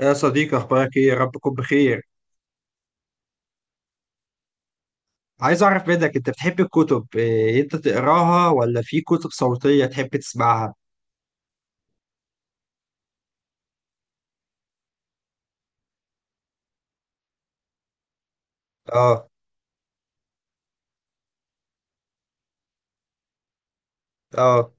يا صديقي، اخبارك ايه؟ يا رب تكون بخير. عايز اعرف منك، انت بتحب الكتب، إيه انت تقراها ولا في كتب صوتية تحب تسمعها؟ اه. اه.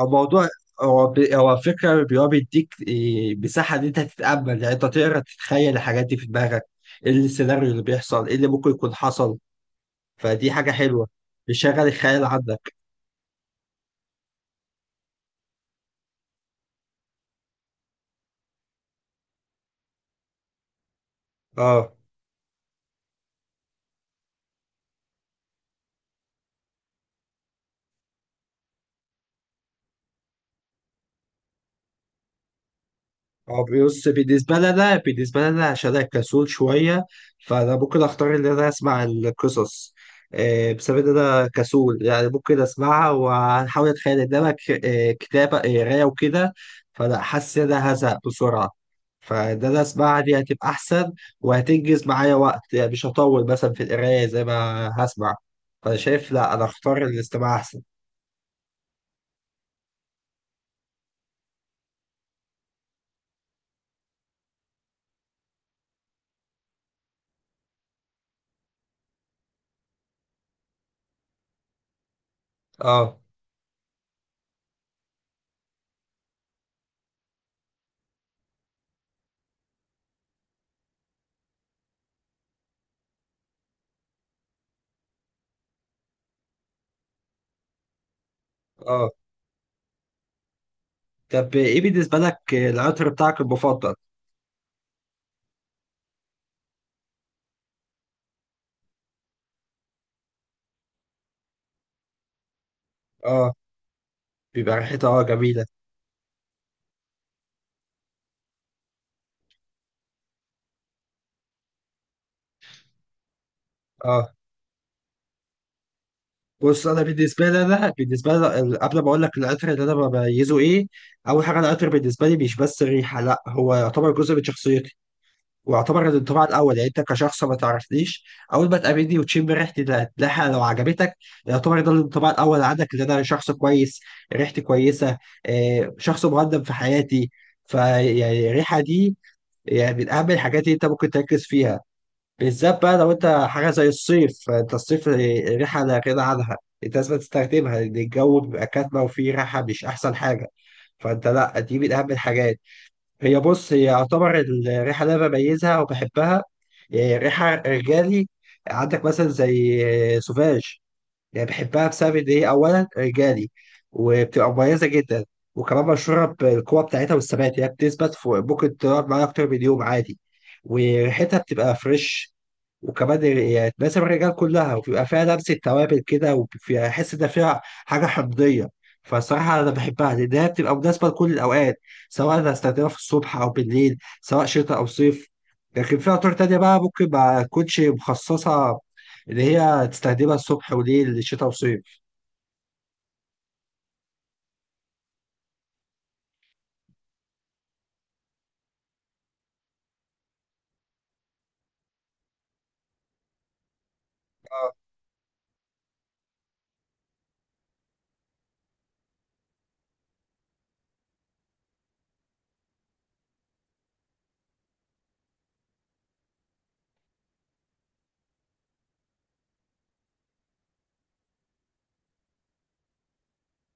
او موضوع، هو فكرة بيبقى بيديك إيه مساحة ان انت تتأمل، يعني انت تقرا تتخيل الحاجات دي في دماغك. ايه السيناريو اللي بيحصل، ايه اللي ممكن يكون حصل؟ فدي حاجة حلوة. بيشغل الخيال عندك. اه. اه. بص، بالنسبة لي أنا عشان أنا كسول شوية، فأنا ممكن أختار إن أنا أسمع القصص. بسبب إن أنا كسول، يعني ممكن أسمعها وأحاول أتخيل إنما كتابة قراية وكده. فلا، حاسس إن أنا هزهق بسرعة، فإن أنا أسمعها دي هتبقى أحسن وهتنجز معايا وقت، يعني مش هطول مثلا في القراية زي ما هسمع. فأنا شايف لا، أنا أختار الاستماع أحسن. أه. أه. طب إيه بالنسبة لك العطر بتاعك المفضل؟ اه. بيبقى ريحتها جميله. اه. بص، انا بالنسبه لي قبل ما اقول لك العطر اللي انا بميزه ايه، اول حاجه العطر بالنسبه لي مش بس ريحه، لا هو يعتبر جزء من شخصيتي، ويعتبر الانطباع الاول. يعني انت كشخص ما تعرفنيش، اول ما تقابلني وتشم ريحتي، ده هتلاقيها لو عجبتك. يعتبر ده الانطباع الاول عندك، ان انا شخص كويس، ريحتي كويسه، شخص مقدم في حياتي. فيعني الريحه دي يعني من اهم الحاجات اللي انت ممكن تركز فيها، بالذات بقى لو انت حاجه زي الصيف. فانت الصيف ريحه لا غنى عنها، انت لازم تستخدمها، لان الجو بيبقى كاتمه وفيه ريحه مش احسن حاجه. فانت لا، دي من اهم الحاجات. بص هي يعتبر الريحه اللي انا بميزها وبحبها، اه، ريحه رجالي. عندك مثلا زي اه، سوفاج. يعني بحبها بسبب ان هي اولا رجالي، وبتبقى مميزه جدا، وكمان مشهوره بالقوه بتاعتها والثبات. هي بتثبت فوق، ممكن تقعد معايا اكتر من يوم عادي، وريحتها بتبقى فريش. وكمان يعني تناسب الرجال كلها، وبيبقى فيها لمسة توابل كده، وبيبقى أحس إن فيها حاجة حمضية. فالصراحة أنا بحبها لأن هي بتبقى مناسبة لكل الأوقات، سواء أنا هستخدمها في الصبح أو بالليل، سواء شتاء أو صيف. لكن في عطور تانية بقى ممكن ما تكونش مخصصة إن هي تستخدمها الصبح وليل شتاء وصيف.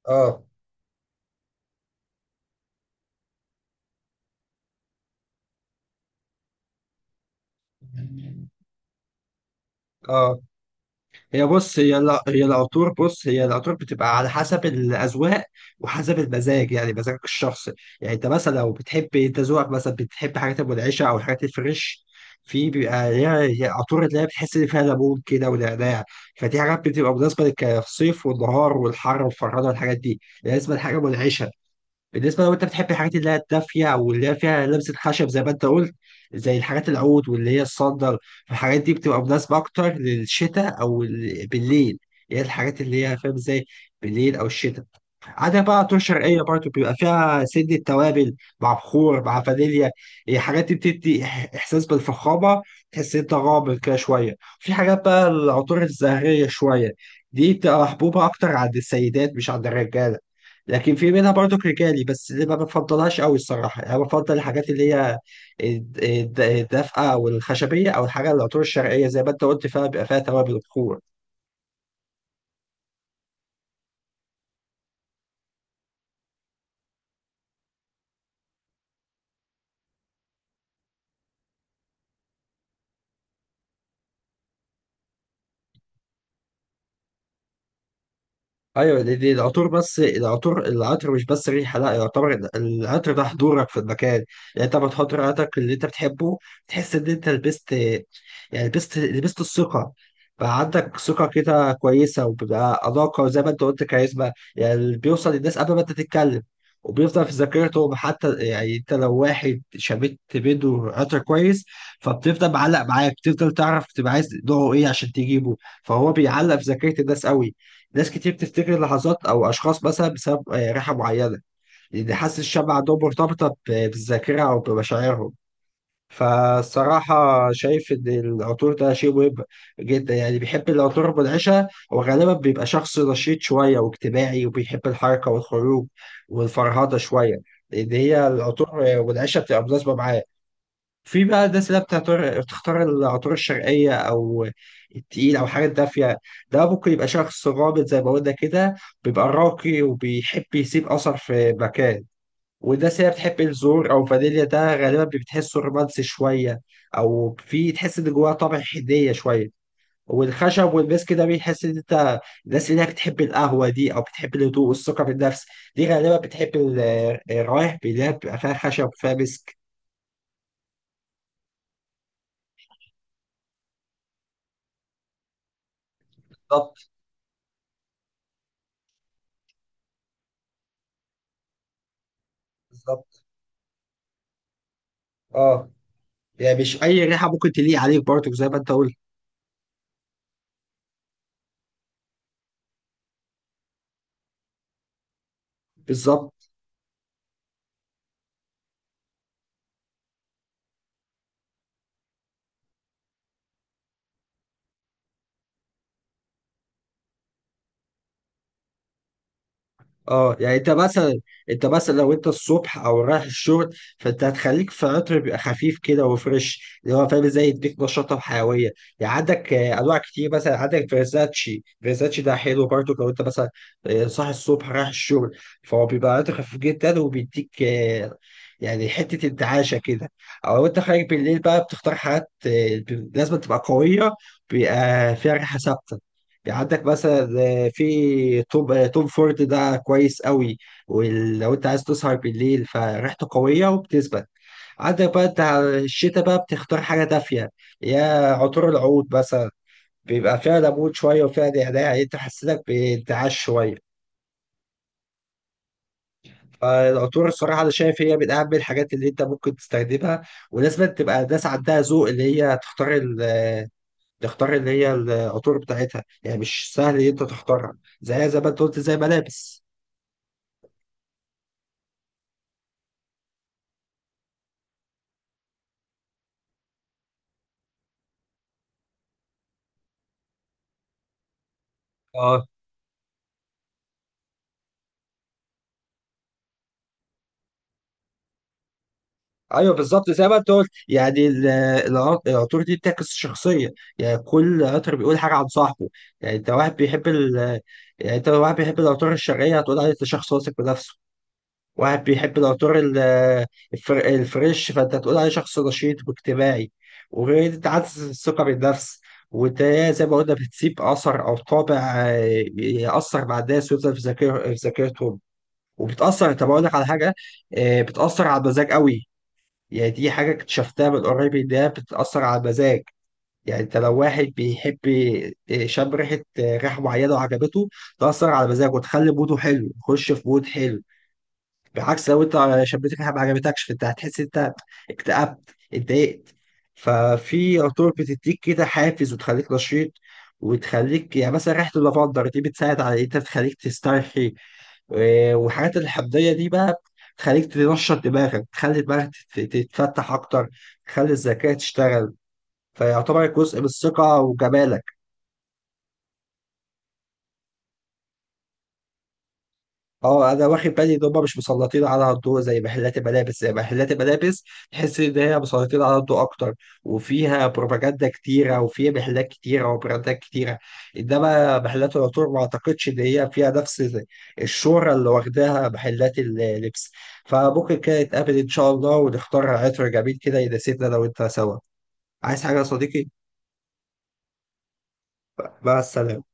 آه. آه. هي بص هي لا هي العطور بص هي العطور بتبقى على حسب الاذواق، وحسب المزاج، يعني مزاجك الشخصي. يعني انت مثلا لو بتحب، انت ذوقك مثلا بتحب حاجات المنعشه او الحاجات الفريش، في بيبقى ليها عطور اللي هي بتحس ان فيها ليمون كده ونعناع. فدي حاجات بتبقى مناسبه للصيف والنهار والحر والفرهده، والحاجات دي لازم حاجه منعشه. بالنسبة لو انت بتحب الحاجات اللي هي الدافية، او اللي هي فيها لمسة خشب زي ما انت قلت، زي الحاجات العود واللي هي الصندل، الحاجات دي بتبقى مناسبة اكتر للشتاء او بالليل. يعني الحاجات اللي هي فاهم ازاي، بالليل او الشتاء. عندك بقى عطور شرقية برضو بيبقى فيها سنة توابل، مع بخور مع فانيليا. إيه، حاجات دي بتدي إحساس بالفخامة، تحس إن أنت غامض كده شوية. في حاجات بقى العطور الزهرية شوية، دي بتبقى محبوبة أكتر عند السيدات مش عند الرجالة، لكن في منها برضو رجالي بس اللي ما بفضلهاش قوي الصراحة. يعني أنا بفضل الحاجات اللي هي الدافئة والخشبية، أو الحاجة العطور الشرقية زي ما أنت قلت، فيها بيبقى فيها توابل وبخور. ايوه، دي العطور. بس العطر مش بس ريحه، لا يعتبر العطر ده حضورك في المكان. يعني انت لما تحط عطرك اللي انت بتحبه، تحس ان انت لبست، يعني لبست الثقه، بقى عندك ثقه كده كويسه، وبيبقى اناقه، وزي ما انت قلت كاريزما، يعني اللي بيوصل للناس قبل ما انت تتكلم، وبيفضل في ذاكرتهم حتى. يعني انت لو واحد شميت بيده عطر كويس، فبتفضل معلق معاك، بتفضل تعرف تبقى عايز نوعه ايه عشان تجيبه. فهو بيعلق في ذاكره الناس قوي. ناس كتير بتفتكر لحظات أو أشخاص مثلا بسبب ريحة معينة، لأن حاسة الشم عندهم مرتبطة بالذاكرة أو بمشاعرهم. فالصراحة شايف إن العطور ده شيء مهم جدا. يعني بيحب العطور المنعشة وغالبا بيبقى شخص نشيط شوية واجتماعي، وبيحب الحركة والخروج والفرهدة شوية، لأن هي العطور المنعشة بتبقى مناسبة معاه. في بقى الناس اللي بتعتبر تختار العطور الشرقية أو التقيل أو حاجة دافية، ده ممكن يبقى شخص غامض زي ما قلنا كده، بيبقى راقي وبيحب يسيب أثر في مكان. والناس اللي بتحب الزور أو فانيليا، ده غالبا بتحسه رومانسي شوية، أو في تحس إن جواه طابع حنية شوية. والخشب والمسك ده بيحس إن أنت، الناس اللي هي بتحب القهوة دي أو بتحب الهدوء والثقة بالنفس، دي غالبا بتحب الروايح اللي هي بتبقى فيها خشب وفيها مسك. بالظبط. بالظبط. اه، يعني مش اي ريحه ممكن تليق عليك برضه زي ما انت قلت. بالظبط. اه، يعني انت مثلا لو انت الصبح او رايح الشغل، فانت هتخليك في عطر بيبقى خفيف كده وفريش، اللي هو فاهم ازاي يديك نشاطه وحيويه. يعني عندك انواع كتير، مثلا عندك فيرزاتشي ده حلو برضه لو انت مثلا صاحي الصبح رايح الشغل، فهو بيبقى عطر خفيف جدا وبيديك يعني حته انتعاشه كده. او لو انت خارج بالليل بقى، بتختار حاجات لازم تبقى قويه، بيبقى فيها ريحه ثابته. يعني عندك مثلا في توب توم فورد ده كويس قوي، ولو انت عايز تسهر بالليل فريحته قوية وبتثبت. عندك بقى انت على الشتاء بقى بتختار حاجة دافية، يا عطور العود مثلا، بيبقى فيها ليمون شوية وفيها نعناع، يعني انت حسيتك بانتعاش شوية. فالعطور الصراحة أنا شايف هي من أهم الحاجات اللي أنت ممكن تستخدمها، ولازم تبقى الناس عندها ذوق اللي هي تختار اللي هي العطور بتاعتها. يعني مش سهل إن أنت تختارها، زي ما أنت قلت، زي ملابس. اه. ايوه بالظبط، زي ما انت قلت، يعني العطور دي بتعكس الشخصيه، يعني كل عطر بيقول حاجه عن صاحبه. يعني انت واحد بيحب ال يعني انت واحد بيحب العطور الشرقيه، هتقول عليه ده شخص واثق بنفسه. واحد بيحب العطور الفريش، فانت هتقول عليه شخص نشيط واجتماعي، وغير انت عكس الثقه بالنفس. وانت زي ما قلنا، بتسيب اثر او طابع ياثر مع الناس، ويفضل في ذاكرتهم، وبتاثر. طب اقول لك على حاجه، بتاثر على المزاج قوي. يعني دي حاجة اكتشفتها من قريب، إن هي بتأثر على المزاج. يعني أنت لو واحد بيحب شم ريحة معينة وعجبته، تأثر على مزاجه وتخلي موده حلو، يخش في مود حلو. بعكس لو انت شبيتك حاجه ما عجبتكش، فانت هتحس انت اكتئبت اتضايقت. ففي عطور بتديك كده حافز وتخليك نشيط، وتخليك يعني مثلا ريحه اللافندر دي بتساعد على انت تخليك تسترخي. والحاجات الحمضيه دي بقى تخليك تنشط دماغك، تخلي دماغك تتفتح اكتر، تخلي الذكاء تشتغل، فيعتبر جزء من الثقه وجمالك. اه، انا واخد بالي ان هم مش مسلطين على الضوء زي محلات الملابس. تحس ان هي مسلطين على الضوء اكتر، وفيها بروباجندا كتيره، وفيها محلات كتيره وبراندات كتيره. انما محلات العطور ما اعتقدش ان هي فيها نفس الشهره اللي واخداها محلات اللبس. فممكن كده نتقابل ان شاء الله، ونختار عطر جميل كده يناسبنا لو انت سوا عايز حاجه يا صديقي. مع السلامه.